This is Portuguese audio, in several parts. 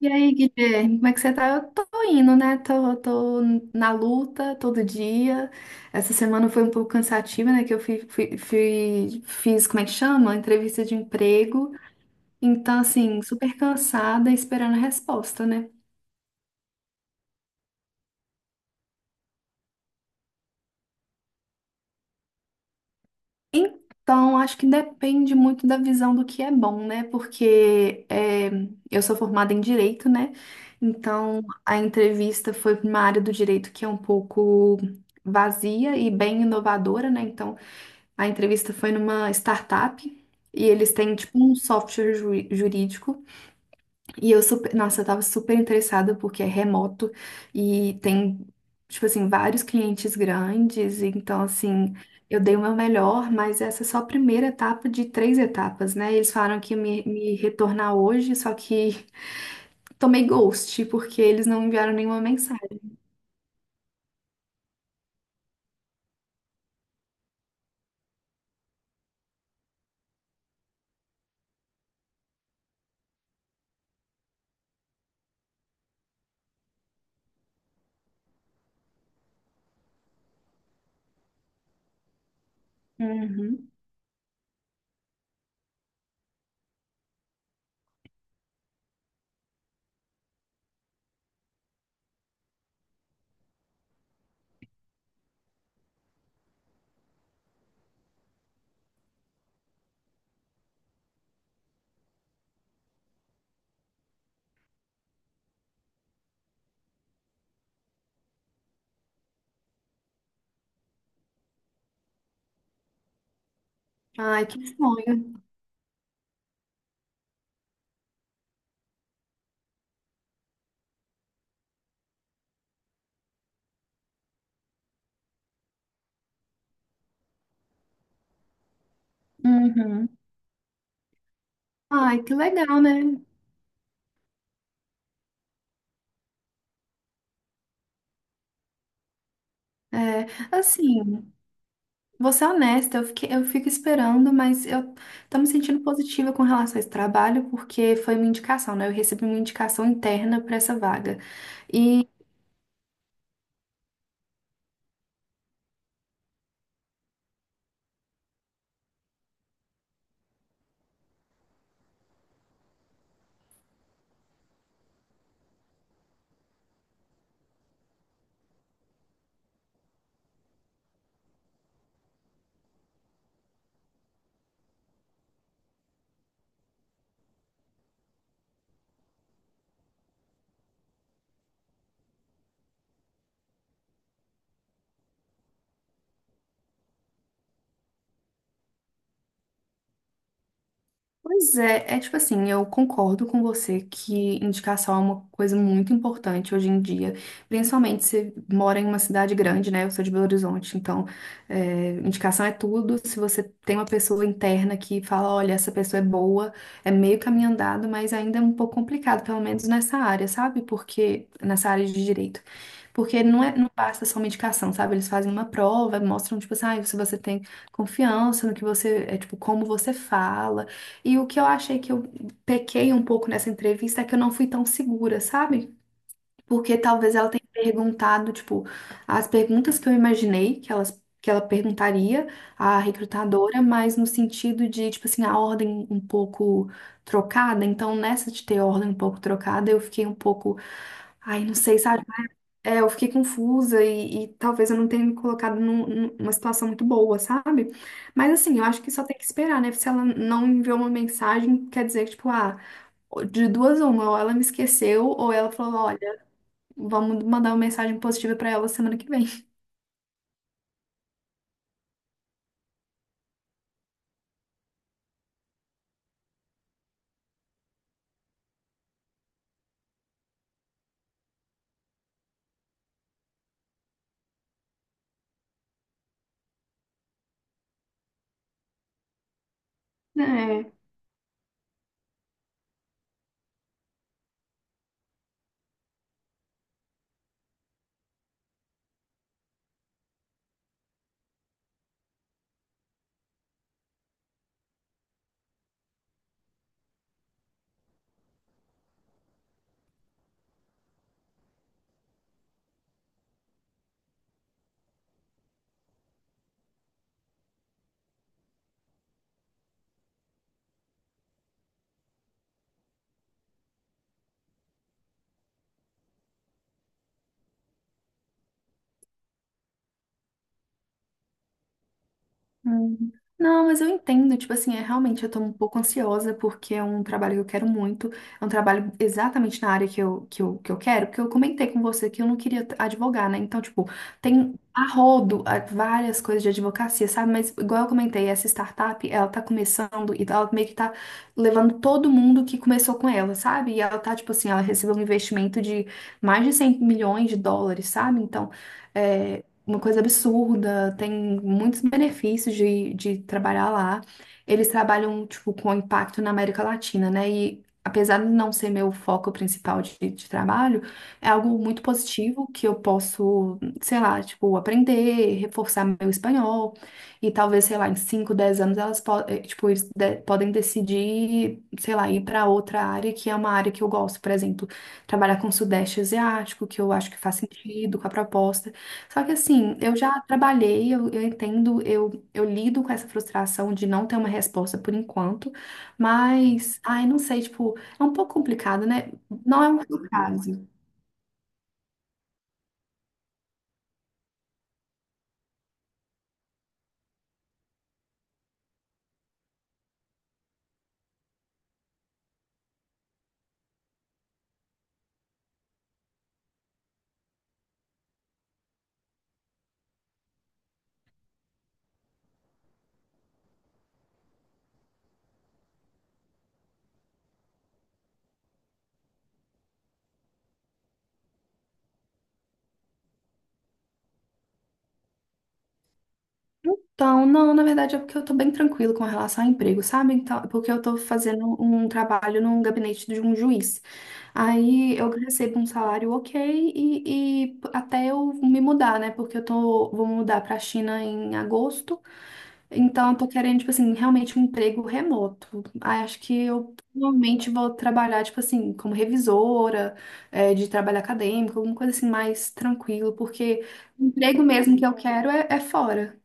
E aí, Guilherme, como é que você tá? Eu tô indo, né? Tô na luta todo dia. Essa semana foi um pouco cansativa, né? Que eu fiz, como é que chama? Entrevista de emprego. Então, assim, super cansada, esperando a resposta, né? Então, acho que depende muito da visão do que é bom, né? Eu sou formada em direito, né? Então, a entrevista foi pra uma área do direito que é um pouco vazia e bem inovadora, né? Então, a entrevista foi numa startup e eles têm tipo um software jurídico. E eu super, nossa, eu tava super interessada porque é remoto e tem tipo assim vários clientes grandes, então assim, eu dei o meu melhor, mas essa é só a primeira etapa de três etapas, né? Eles falaram que ia me retornar hoje, só que tomei ghost porque eles não enviaram nenhuma mensagem. Uhum. Ai, que sonho. Uhum. Ai, que legal, né? É, assim, vou ser honesta, eu fico esperando, mas eu tô me sentindo positiva com relação a esse trabalho, porque foi uma indicação, né? Eu recebi uma indicação interna para essa vaga. Pois é, é tipo assim, eu concordo com você que indicação é uma coisa muito importante hoje em dia, principalmente se mora em uma cidade grande, né? Eu sou de Belo Horizonte, então é, indicação é tudo. Se você tem uma pessoa interna que fala, olha, essa pessoa é boa, é meio caminho andado, mas ainda é um pouco complicado, pelo menos nessa área, sabe? Porque nessa área de direito. Porque não é, não basta só uma indicação, sabe? Eles fazem uma prova, mostram, tipo assim, ah, se você tem confiança no que tipo, como você fala. E o que eu achei que eu pequei um pouco nessa entrevista é que eu não fui tão segura, sabe? Porque talvez ela tenha perguntado, tipo, as perguntas que eu imaginei que que ela perguntaria à recrutadora, mas no sentido de, tipo assim, a ordem um pouco trocada. Então, nessa de ter ordem um pouco trocada, eu fiquei um pouco, ai, não sei, sabe? É, eu fiquei confusa e talvez eu não tenha me colocado numa situação muito boa, sabe? Mas assim, eu acho que só tem que esperar, né? Se ela não enviou uma mensagem, quer dizer que, tipo, ah, de duas uma, ou ela me esqueceu, ou ela falou, olha, vamos mandar uma mensagem positiva pra ela semana que vem. É. Hum. Não, mas eu entendo, tipo assim, é realmente eu tô um pouco ansiosa porque é um trabalho que eu quero muito, é um trabalho exatamente na área que eu quero, porque eu comentei com você que eu não queria advogar, né? Então, tipo, tem a várias coisas de advocacia, sabe? Mas igual eu comentei, essa startup, ela tá começando e ela meio que tá levando todo mundo que começou com ela, sabe? E ela tá, tipo assim, ela recebeu um investimento de mais de 100 milhões de dólares, sabe? Então, é, uma coisa absurda, tem muitos benefícios de trabalhar lá. Eles trabalham, tipo, com impacto na América Latina, né? E apesar de não ser meu foco principal de trabalho, é algo muito positivo que eu posso, sei lá, tipo, aprender, reforçar meu espanhol. E talvez, sei lá, em 5 10 anos tipo, eles podem decidir, sei lá, ir para outra área que é uma área que eu gosto, por exemplo, trabalhar com o Sudeste Asiático, que eu acho que faz sentido com a proposta. Só que assim, eu já trabalhei, eu entendo, eu lido com essa frustração de não ter uma resposta por enquanto, mas, ai, não sei, tipo, é um pouco complicado, né? Não é o meu caso. Então, não, na verdade é porque eu tô bem tranquilo com relação ao emprego, sabe? Então, é porque eu tô fazendo um trabalho num gabinete de um juiz. Aí eu recebo um salário ok e até eu me mudar, né? Porque eu tô, vou mudar pra China em agosto. Então, eu tô querendo, tipo assim, realmente um emprego remoto. Aí, acho que eu provavelmente vou trabalhar, tipo assim, como revisora, é, de trabalho acadêmico, alguma coisa assim mais tranquilo, porque o emprego mesmo que eu quero é fora.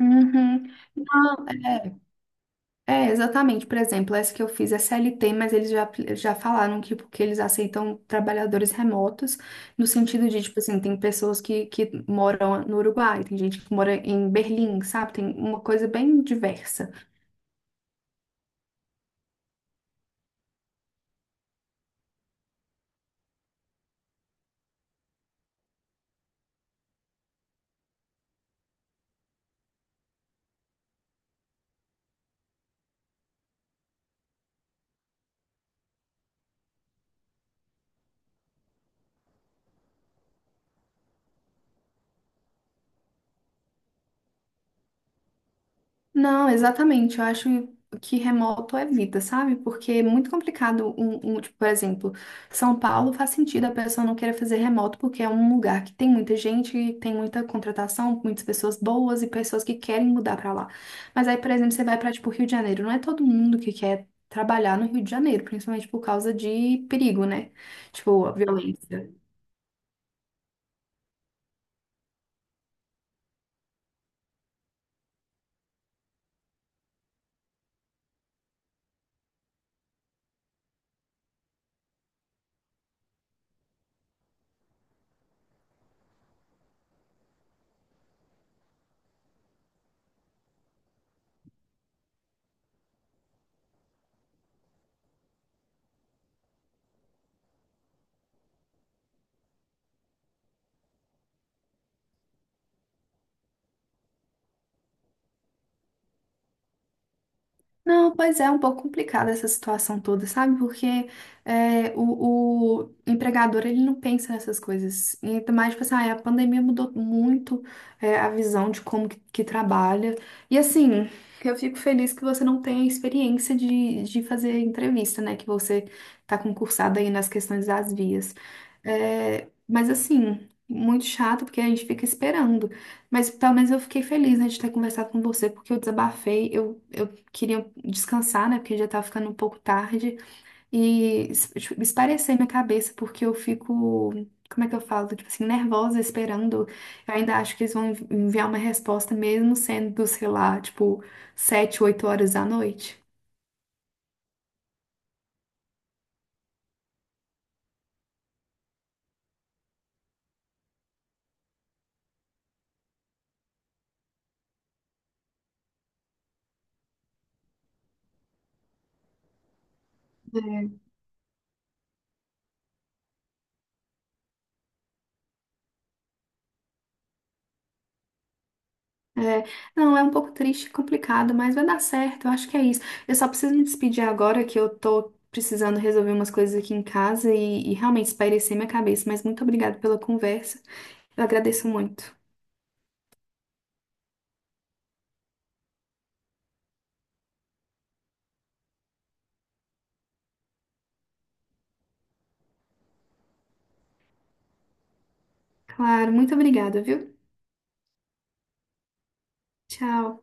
Uhum. Não, é, é, exatamente. Por exemplo, essa que eu fiz é CLT, mas eles já falaram que porque eles aceitam trabalhadores remotos, no sentido de, tipo assim, tem pessoas que moram no Uruguai, tem gente que mora em Berlim, sabe? Tem uma coisa bem diversa. Não, exatamente. Eu acho que remoto é vida, sabe? Porque é muito complicado tipo, por exemplo, São Paulo faz sentido a pessoa não querer fazer remoto porque é um lugar que tem muita gente, tem muita contratação, muitas pessoas boas e pessoas que querem mudar pra lá. Mas aí, por exemplo, você vai pra tipo Rio de Janeiro, não é todo mundo que quer trabalhar no Rio de Janeiro, principalmente por causa de perigo, né? Tipo, violência. Não, pois é, um pouco complicada essa situação toda, sabe? Porque é, o empregador, ele não pensa nessas coisas. E ainda mais, tipo assim, ah, a pandemia mudou muito é, a visão de como que trabalha. E assim, eu fico feliz que você não tenha experiência de fazer entrevista, né? Que você tá concursada aí nas questões das vias. É, mas assim, muito chato, porque a gente fica esperando. Mas pelo menos eu fiquei feliz, né, de ter conversado com você, porque eu desabafei, eu queria descansar, né? Porque já tava ficando um pouco tarde. E tipo, esparecer minha cabeça, porque eu fico. Como é que eu falo? Tipo assim, nervosa, esperando. Eu ainda acho que eles vão enviar uma resposta, mesmo sendo, sei lá, tipo, 7, 8 horas da noite. É, é. Não, é um pouco triste e complicado, mas vai dar certo, eu acho que é isso. Eu só preciso me despedir agora que eu tô precisando resolver umas coisas aqui em casa e realmente espairecer minha cabeça, mas muito obrigada pela conversa. Eu agradeço muito. Claro, muito obrigada, viu? Tchau.